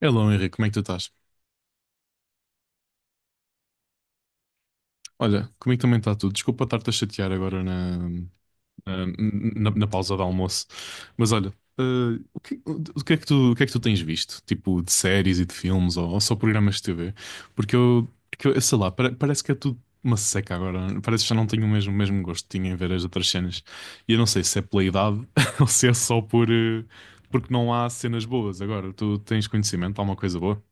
Hello, Henrique, como é que tu estás? Olha, comigo também está tudo. Desculpa estar-te a chatear agora na pausa do almoço. Mas olha, eh, o que é que tu, o que é que tu tens visto? Tipo, de séries e de filmes ou só programas de TV? Porque eu sei lá, parece que é tudo uma seca agora. Parece que já não tenho o mesmo gosto que tinha em ver as outras cenas. E eu não sei se é pela idade ou se é só porque não há cenas boas agora. Tu tens conhecimento, há uma coisa boa?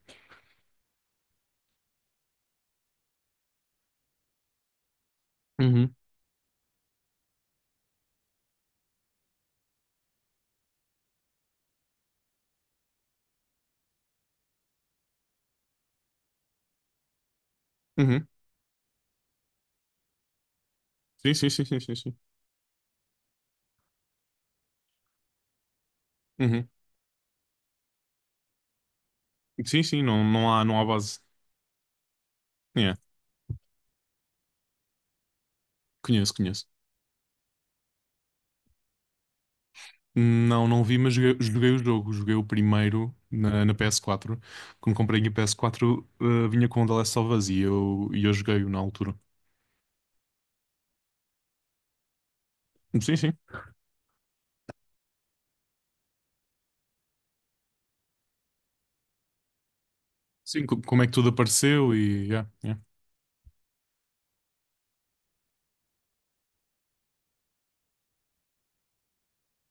Uhum, uhum. Sim, sim, sim, sim, sim, sim. Uhum. Sim, sim, não, não há base. É, conheço, conheço. Não, não vi, mas joguei o jogo. Joguei o primeiro na PS4. Quando comprei a PS4 vinha com o The Last of Us e eu joguei-o na altura. Sim, sim. Sim, como é que tudo apareceu. Yeah, yeah.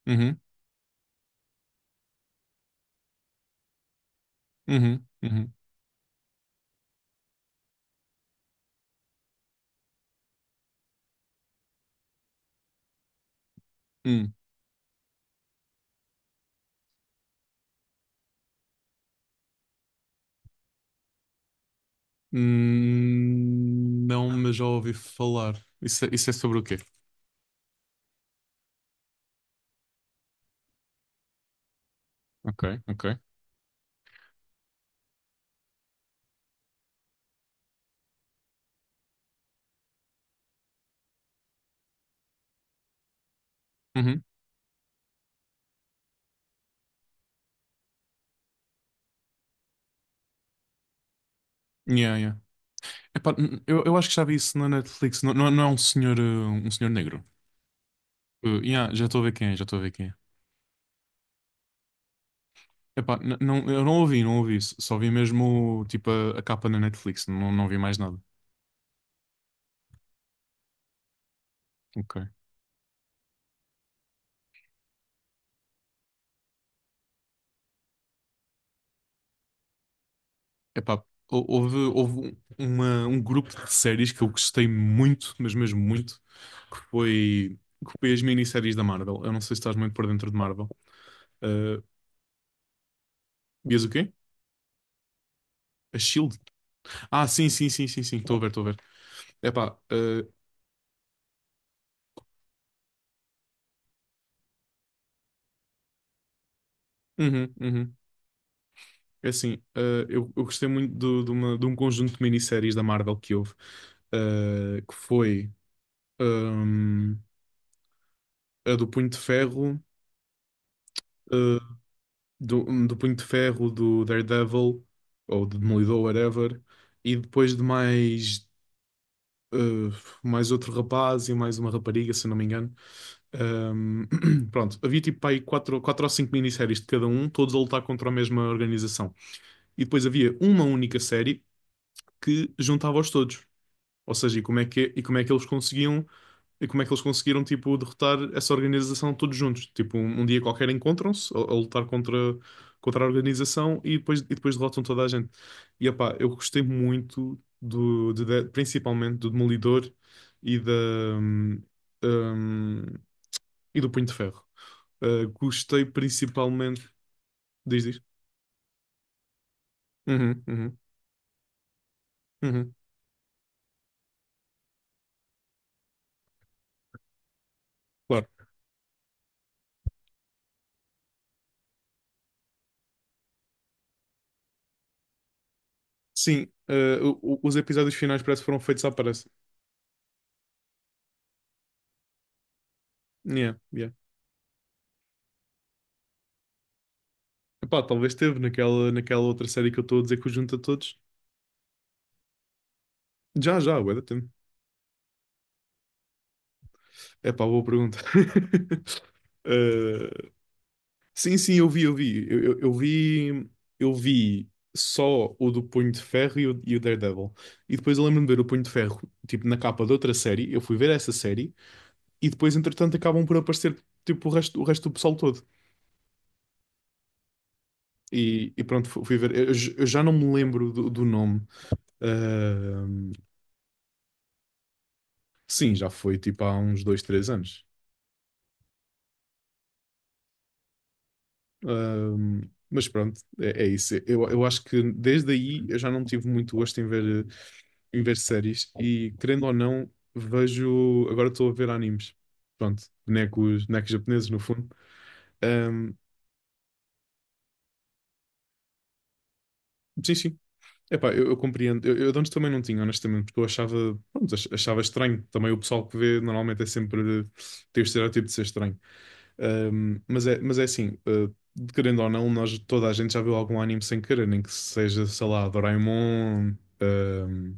Uhum, uhum, uhum, hum. Não, mas já ouvi falar. Isso, isso é sobre o quê? Ok, ok. Uhum. Yeah, yeah. Epá, eu acho que já vi isso na Netflix. Não, não, não é um senhor negro. Yeah, já estou a ver quem é, já estou a ver quem é. Epá, não, eu não ouvi isso. Só vi mesmo tipo a capa na Netflix, não vi mais nada. Ok. Epá, houve um grupo de séries que eu gostei muito, mas mesmo muito, que foi, que foi as minisséries da Marvel. Eu não sei se estás muito por dentro de Marvel. Uh, Vias o quê? A Shield? Ah, sim, sim, sim, sim, sim. Estou a ver, estou a ver. Epá, uhum, uhum. É assim, eu gostei muito de um conjunto de minisséries da Marvel que houve, que foi hum, a do Punho de Ferro, eh, do Punho de Ferro, do Daredevil, ou do Demolidor, whatever, e depois eh, mais outro rapaz e mais uma rapariga, se eu não me engano. Hum, Pronto, havia tipo aí quatro, quatro ou cinco minisséries de cada um, todos a lutar contra a mesma organização. E depois havia uma única série que juntava-os todos. Ou seja, e como é que eles conseguiram, tipo, derrotar essa organização todos juntos? Tipo, um dia qualquer encontram-se a lutar contra a organização e depois, derrotam toda a gente. Epá, eu gostei muito principalmente do Demolidor e da, hum, hum, e do Punho de Ferro. Gostei principalmente. Diz, diz. Uhum, uhum, uhum, claro. Sim, os episódios finais parece que foram feitos à pressa. Yeah, yeah. Epá, talvez teve naquela outra série que eu estou a dizer que o junta todos. Já, já, bué da tempo. Epá, boa pergunta. Eh, sim, sim, eu vi. Eu vi só o do Punho de Ferro e o Daredevil. E depois eu lembro-me de ver o Punho de Ferro, tipo, na capa de outra série. Eu fui ver essa série e depois, entretanto, acabam por aparecer, tipo, o resto do pessoal todo. E pronto, fui ver. Eu já não me lembro do nome. Eh, sim, já foi, tipo, há uns 2, 3 anos. Mas pronto, é isso. Eu acho que desde aí eu já não tive muito gosto em ver séries e, querendo ou não, vejo. Agora estou a ver animes. Pronto, bonecos, bonecos japoneses, no fundo. Ahm, sim, sim. Epá, eu compreendo. Eu de antes também não tinha, honestamente, porque eu achava, pronto, achava estranho. Também o pessoal que vê normalmente é sempre. Tem o estereótipo de ser estranho. Mas é assim, querendo ou não, toda a gente já viu algum anime sem querer, nem que seja, sei lá, Doraemon. um,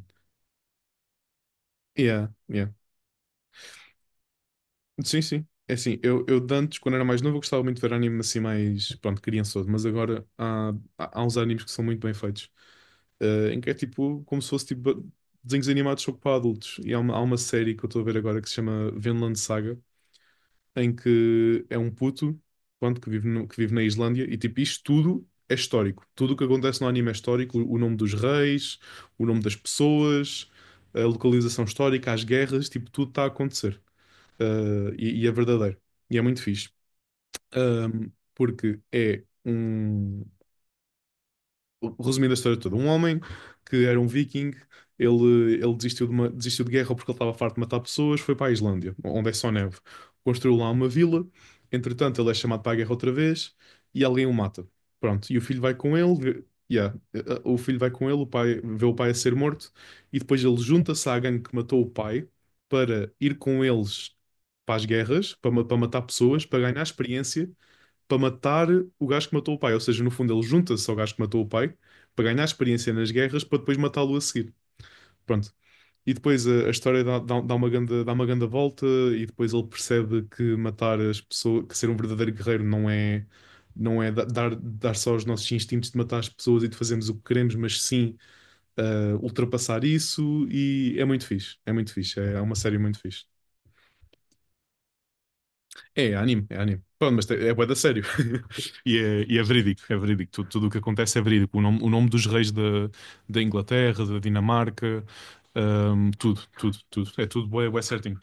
yeah, yeah. Sim, sim. É assim, eu de antes, quando era mais novo, eu gostava muito de ver anime assim, mais, pronto, criançudo, mas agora há uns animes que são muito bem feitos, em que é tipo, como se fosse tipo desenhos animados só que para adultos. E há uma série que eu estou a ver agora que se chama Vinland Saga, em que é um puto, pronto, que vive, no- que vive na Islândia, e tipo, isto tudo é histórico. Tudo o que acontece no anime é histórico, o nome dos reis, o nome das pessoas, a localização histórica, as guerras, tipo, tudo está a acontecer. Ah, e é verdadeiro. E é muito fixe. Porque é um Resumindo a história toda, um homem que era um viking, ele desistiu de guerra porque ele estava farto de matar pessoas, foi para a Islândia, onde é só neve. Construiu lá uma vila, entretanto ele é chamado para a guerra outra vez e alguém o mata. Pronto, e o filho vai com ele, yeah, o filho vai com ele, o pai, vê o pai a ser morto e depois ele junta-se à gangue que matou o pai para ir com eles para as guerras, para matar pessoas, para ganhar experiência para matar o gajo que matou o pai. Ou seja, no fundo, ele junta-se ao gajo que matou o pai para ganhar experiência nas guerras para depois matá-lo a seguir. Pronto. E depois a história dá uma grande volta e depois ele percebe que matar as pessoas, que ser um verdadeiro guerreiro não é dar só aos nossos instintos de matar as pessoas e de fazermos o que queremos, mas sim ultrapassar isso e é muito fixe. É muito fixe. É uma série muito fixe. É anime, é anime. Pronto, mas é bué da sério. E é verídico, é verídico. Tudo o que acontece é verídico. O nome dos reis da Inglaterra, da Dinamarca, tudo, tudo, tudo. É tudo bué, bué certinho.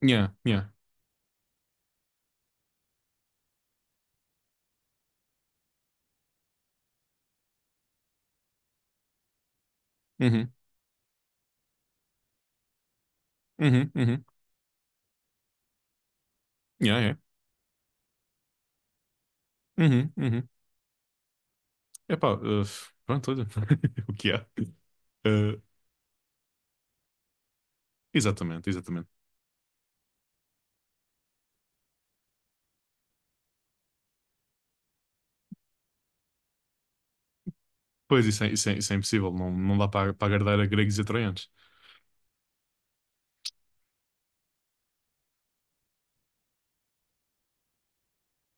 Yeah, yeah. Uhum, uhum, uhum. Yeah, é. Uhum, uhum. Epá, pronto, olha. O que é? Uh, Exatamente, exatamente. Pois, isso é impossível. Não, não dá para agradar a gregos e a troianos.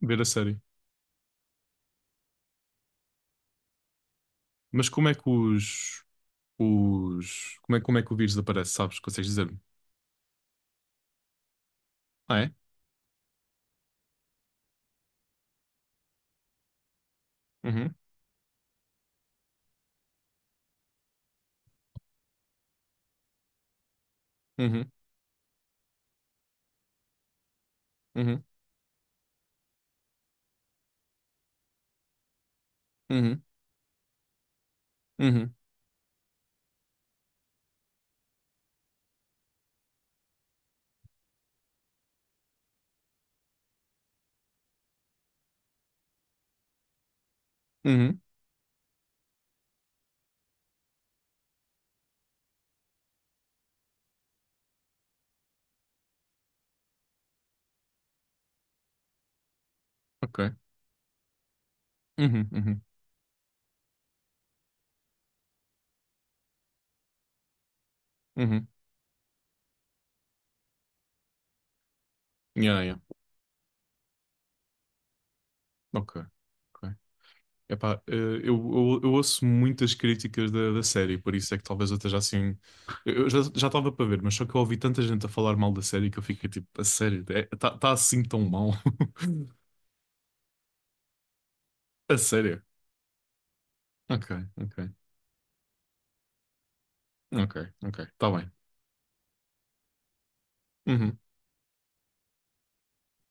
Ver a série. Mas como é que como é que o vírus aparece, sabes? Consegues dizer-me? Ah, é? Uhum, uhum, uhum, uhum, uhum, uhum, ok. Uhum, uhum, uhum. Yeah, yeah. Ok, ok. Epá, eu ouço muitas críticas da série, por isso é que talvez eu esteja assim. Eu já estava para ver, mas só que eu ouvi tanta gente a falar mal da série que eu fiquei tipo, a sério, está assim tão mal. A sério. Ok, ok, ok, ok. Está bem. Uhum.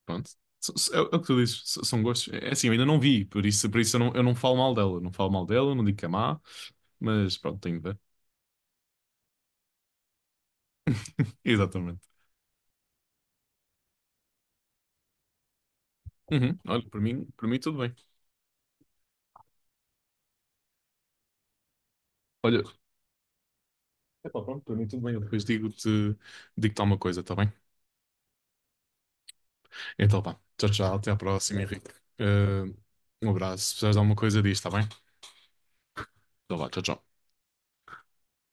Pronto. É o que tu dizes, são gostos. É assim, eu ainda não vi, por isso, eu não falo mal dela. Não falo mal dela, não digo que é má, mas pronto, tenho de ver. Exatamente. Uhum. Olha, para mim tudo bem. Olha, epá, pronto, para mim tudo bem. Eu depois digo-te alguma coisa, está bem? Então vá, tchau, tchau, até à próxima, Henrique. Eh, Um abraço, se precisares de alguma coisa diz, está bem? Então vá, tchau, tchau.